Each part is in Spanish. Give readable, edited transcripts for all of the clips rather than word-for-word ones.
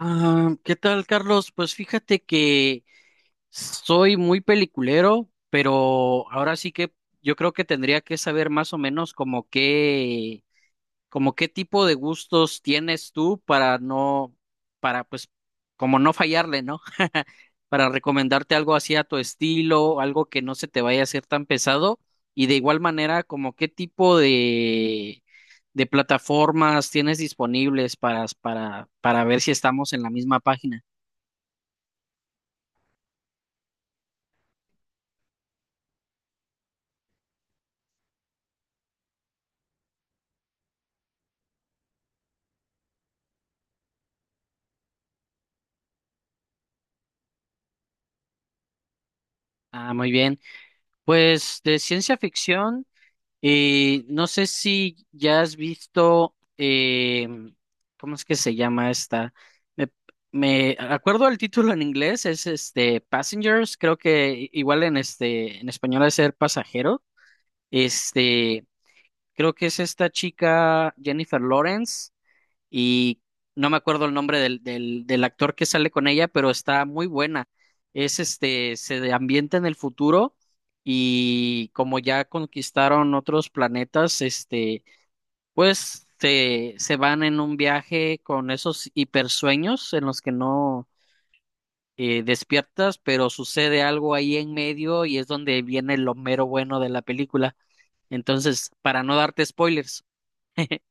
Ah, ¿qué tal, Carlos? Pues fíjate que soy muy peliculero, pero ahora sí que yo creo que tendría que saber más o menos como qué tipo de gustos tienes tú para no, para pues, como no fallarle, ¿no? Para recomendarte algo así a tu estilo, algo que no se te vaya a hacer tan pesado. Y de igual manera, como qué tipo de plataformas tienes disponibles para ver si estamos en la misma página. Ah, muy bien. Pues de ciencia ficción. Y no sé si ya has visto, ¿cómo es que se llama esta? Me, me acuerdo el título en inglés, es este Passengers, creo que igual en este, en español es ser pasajero. Este, creo que es esta chica Jennifer Lawrence y no me acuerdo el nombre del actor que sale con ella, pero está muy buena. Es este, ambienta en el futuro y como ya conquistaron otros planetas, este, pues se van en un viaje con esos hipersueños en los que no despiertas, pero sucede algo ahí en medio y es donde viene lo mero bueno de la película. Entonces, para no darte spoilers.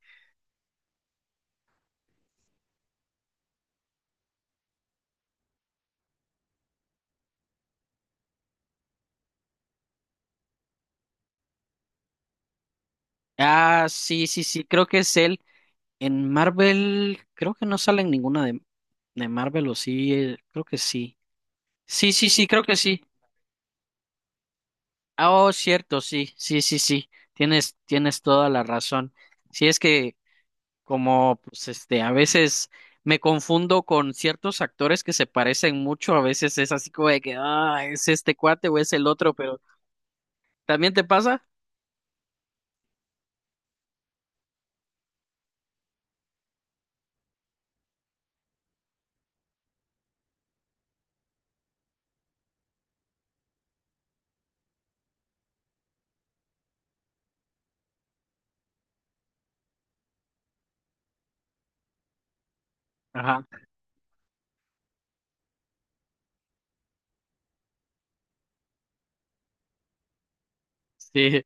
Ah, sí, sí, sí, creo que es él. En Marvel, creo que no sale en ninguna de Marvel, o sí, creo que sí. Sí, sí, sí, creo que sí. Ah, oh, cierto, sí, sí, sí, sí. Tienes toda la razón. Sí, es que como, pues, este, a veces me confundo con ciertos actores que se parecen mucho, a veces es así como de que, ah, es este cuate o es el otro, pero ¿también te pasa? Ajá, sí.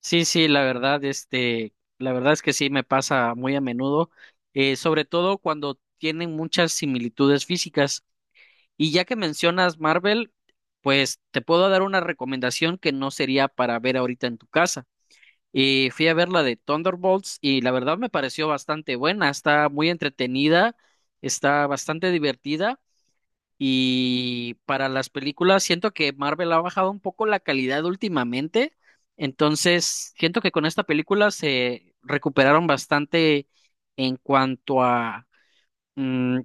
Sí, sí, la verdad, este, la verdad es que sí me pasa muy a menudo, sobre todo cuando tienen muchas similitudes físicas. Y ya que mencionas Marvel, pues te puedo dar una recomendación que no sería para ver ahorita en tu casa. Y fui a ver la de Thunderbolts y la verdad me pareció bastante buena, está muy entretenida, está bastante divertida y para las películas, siento que Marvel ha bajado un poco la calidad últimamente. Entonces, siento que con esta película se recuperaron bastante en cuanto a mm,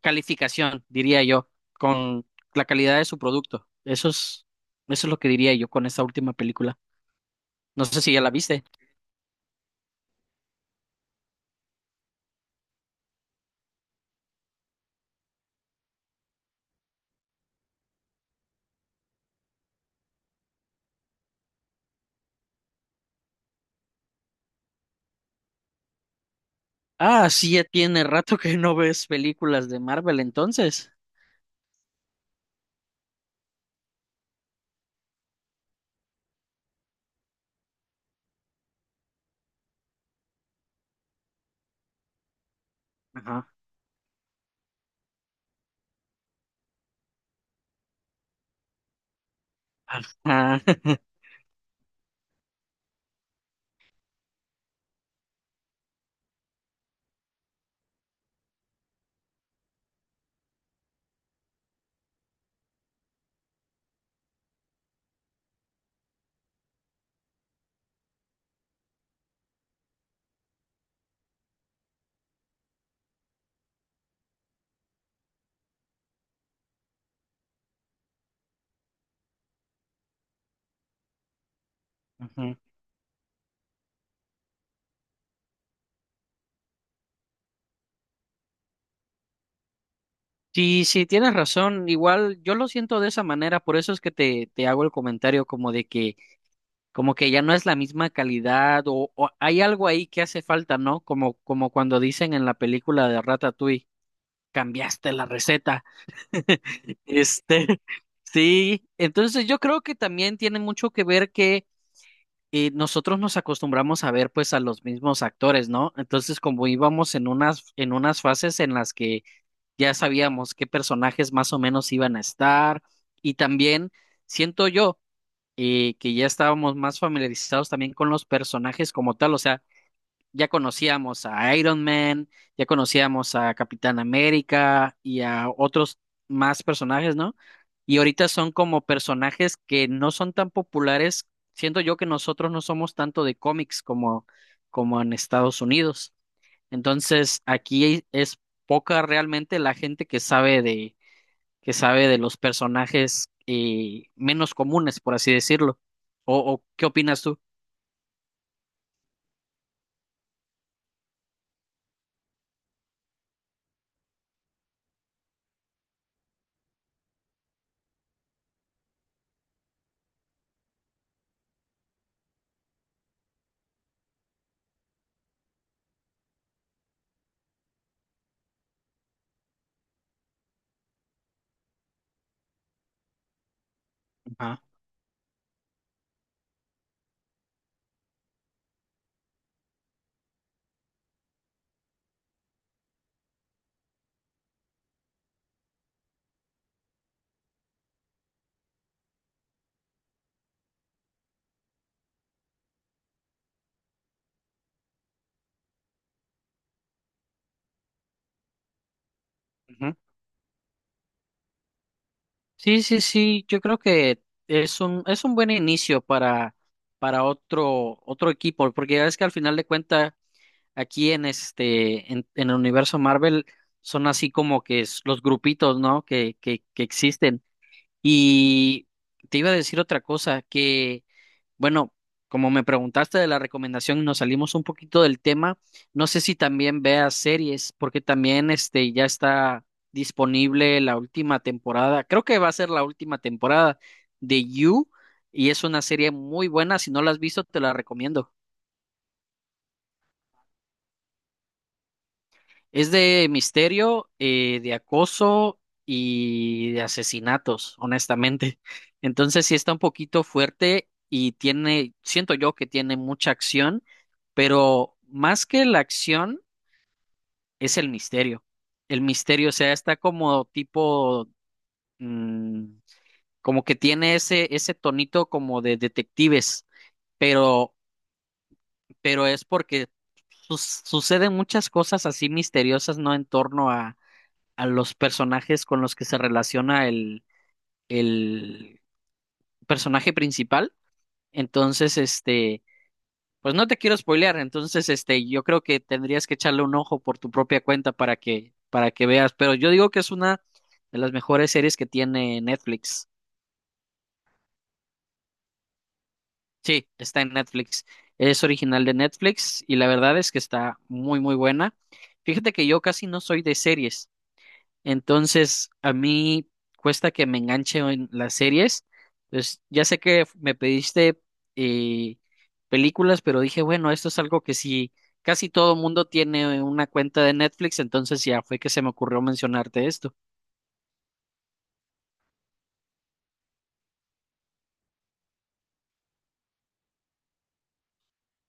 calificación, diría yo, con la calidad de su producto. Eso es lo que diría yo con esta última película. No sé si ya la viste. Ah, sí, ya tiene rato que no ves películas de Marvel, entonces. Ajá. Ajá. Sí, sí, tienes razón. Igual yo lo siento de esa manera, por eso es que te hago el comentario como de que, como que ya no es la misma calidad o hay algo ahí que hace falta, ¿no? Como, como cuando dicen en la película de Ratatouille, cambiaste la receta. Este, sí, entonces yo creo que también tiene mucho que ver que nosotros nos acostumbramos a ver pues a los mismos actores, ¿no? Entonces como íbamos en unas fases en las que ya sabíamos qué personajes más o menos iban a estar y también siento yo que ya estábamos más familiarizados también con los personajes como tal, o sea, ya conocíamos a Iron Man, ya conocíamos a Capitán América y a otros más personajes, ¿no? Y ahorita son como personajes que no son tan populares, siento yo que nosotros no somos tanto de cómics como, como en Estados Unidos. Entonces, aquí es poca realmente la gente que sabe de los personajes menos comunes, por así decirlo. O qué opinas tú? Ajá. Ujú. Sí, sí, sí, yo creo que es un buen inicio para otro, otro equipo, porque ya ves que al final de cuenta aquí en este, en el universo Marvel, son así como que es los grupitos, ¿no? Que existen. Y te iba a decir otra cosa, que bueno, como me preguntaste de la recomendación y nos salimos un poquito del tema, no sé si también veas series, porque también este ya está disponible la última temporada. Creo que va a ser la última temporada de You y es una serie muy buena. Si no la has visto, te la recomiendo. Es de misterio, de acoso y de asesinatos, honestamente. Entonces sí está un poquito fuerte y tiene, siento yo que tiene mucha acción, pero más que la acción es el misterio. El misterio, o sea, está como tipo, mm, como que tiene ese, ese tonito como de detectives, pero, pero es porque suceden muchas cosas así misteriosas, ¿no? En torno a los personajes con los que se relaciona el personaje principal. Entonces, este, pues no te quiero spoilear, entonces, este, yo creo que tendrías que echarle un ojo por tu propia cuenta para que veas, pero yo digo que es una de las mejores series que tiene Netflix. Sí, está en Netflix. Es original de Netflix y la verdad es que está muy, muy buena. Fíjate que yo casi no soy de series. Entonces, a mí cuesta que me enganche en las series. Pues ya sé que me pediste eh, películas, pero dije, bueno, esto es algo que si casi todo mundo tiene una cuenta de Netflix, entonces ya fue que se me ocurrió mencionarte esto.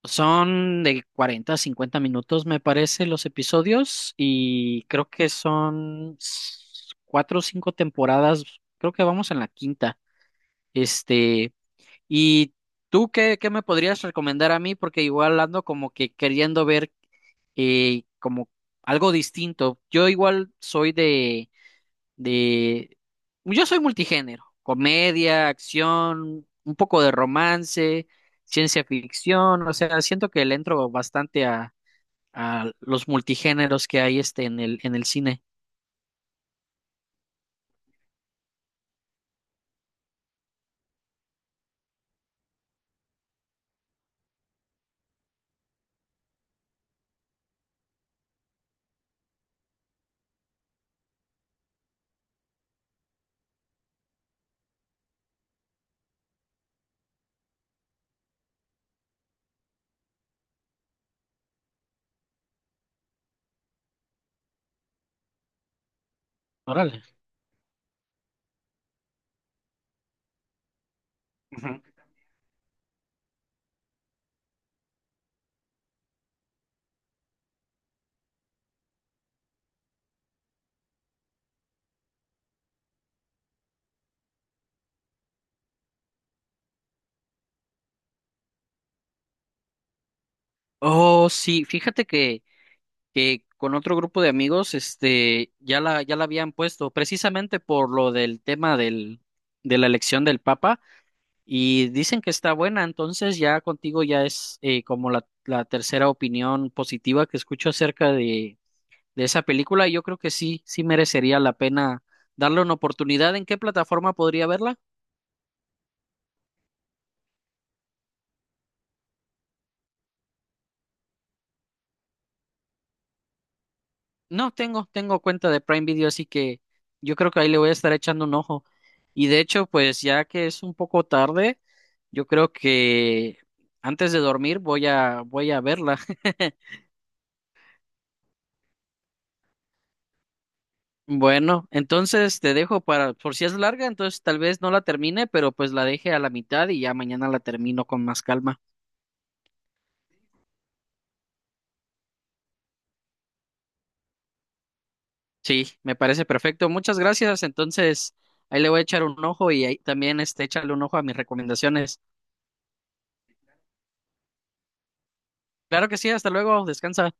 Son de 40, a 50 minutos, me parece, los episodios, y creo que son cuatro o cinco temporadas. Creo que vamos en la quinta. Este. ¿Y tú qué, qué me podrías recomendar a mí? Porque igual ando como que queriendo ver como algo distinto. Yo igual soy de, yo soy multigénero, comedia, acción, un poco de romance, ciencia ficción, o sea, siento que le entro bastante a los multigéneros que hay este en el cine. Órale. Oh, sí, fíjate que con otro grupo de amigos, este, ya la, ya la habían puesto, precisamente por lo del tema del, de la elección del Papa, y dicen que está buena, entonces ya contigo ya es como la tercera opinión positiva que escucho acerca de esa película, y yo creo que sí, sí merecería la pena darle una oportunidad. ¿En qué plataforma podría verla? No, tengo, tengo cuenta de Prime Video, así que yo creo que ahí le voy a estar echando un ojo. Y de hecho, pues ya que es un poco tarde, yo creo que antes de dormir voy voy a verla. Bueno, entonces te dejo para, por si es larga, entonces tal vez no la termine, pero pues la deje a la mitad y ya mañana la termino con más calma. Sí, me parece perfecto. Muchas gracias. Entonces, ahí le voy a echar un ojo y ahí también este, échale un ojo a mis recomendaciones. Claro que sí, hasta luego, descansa.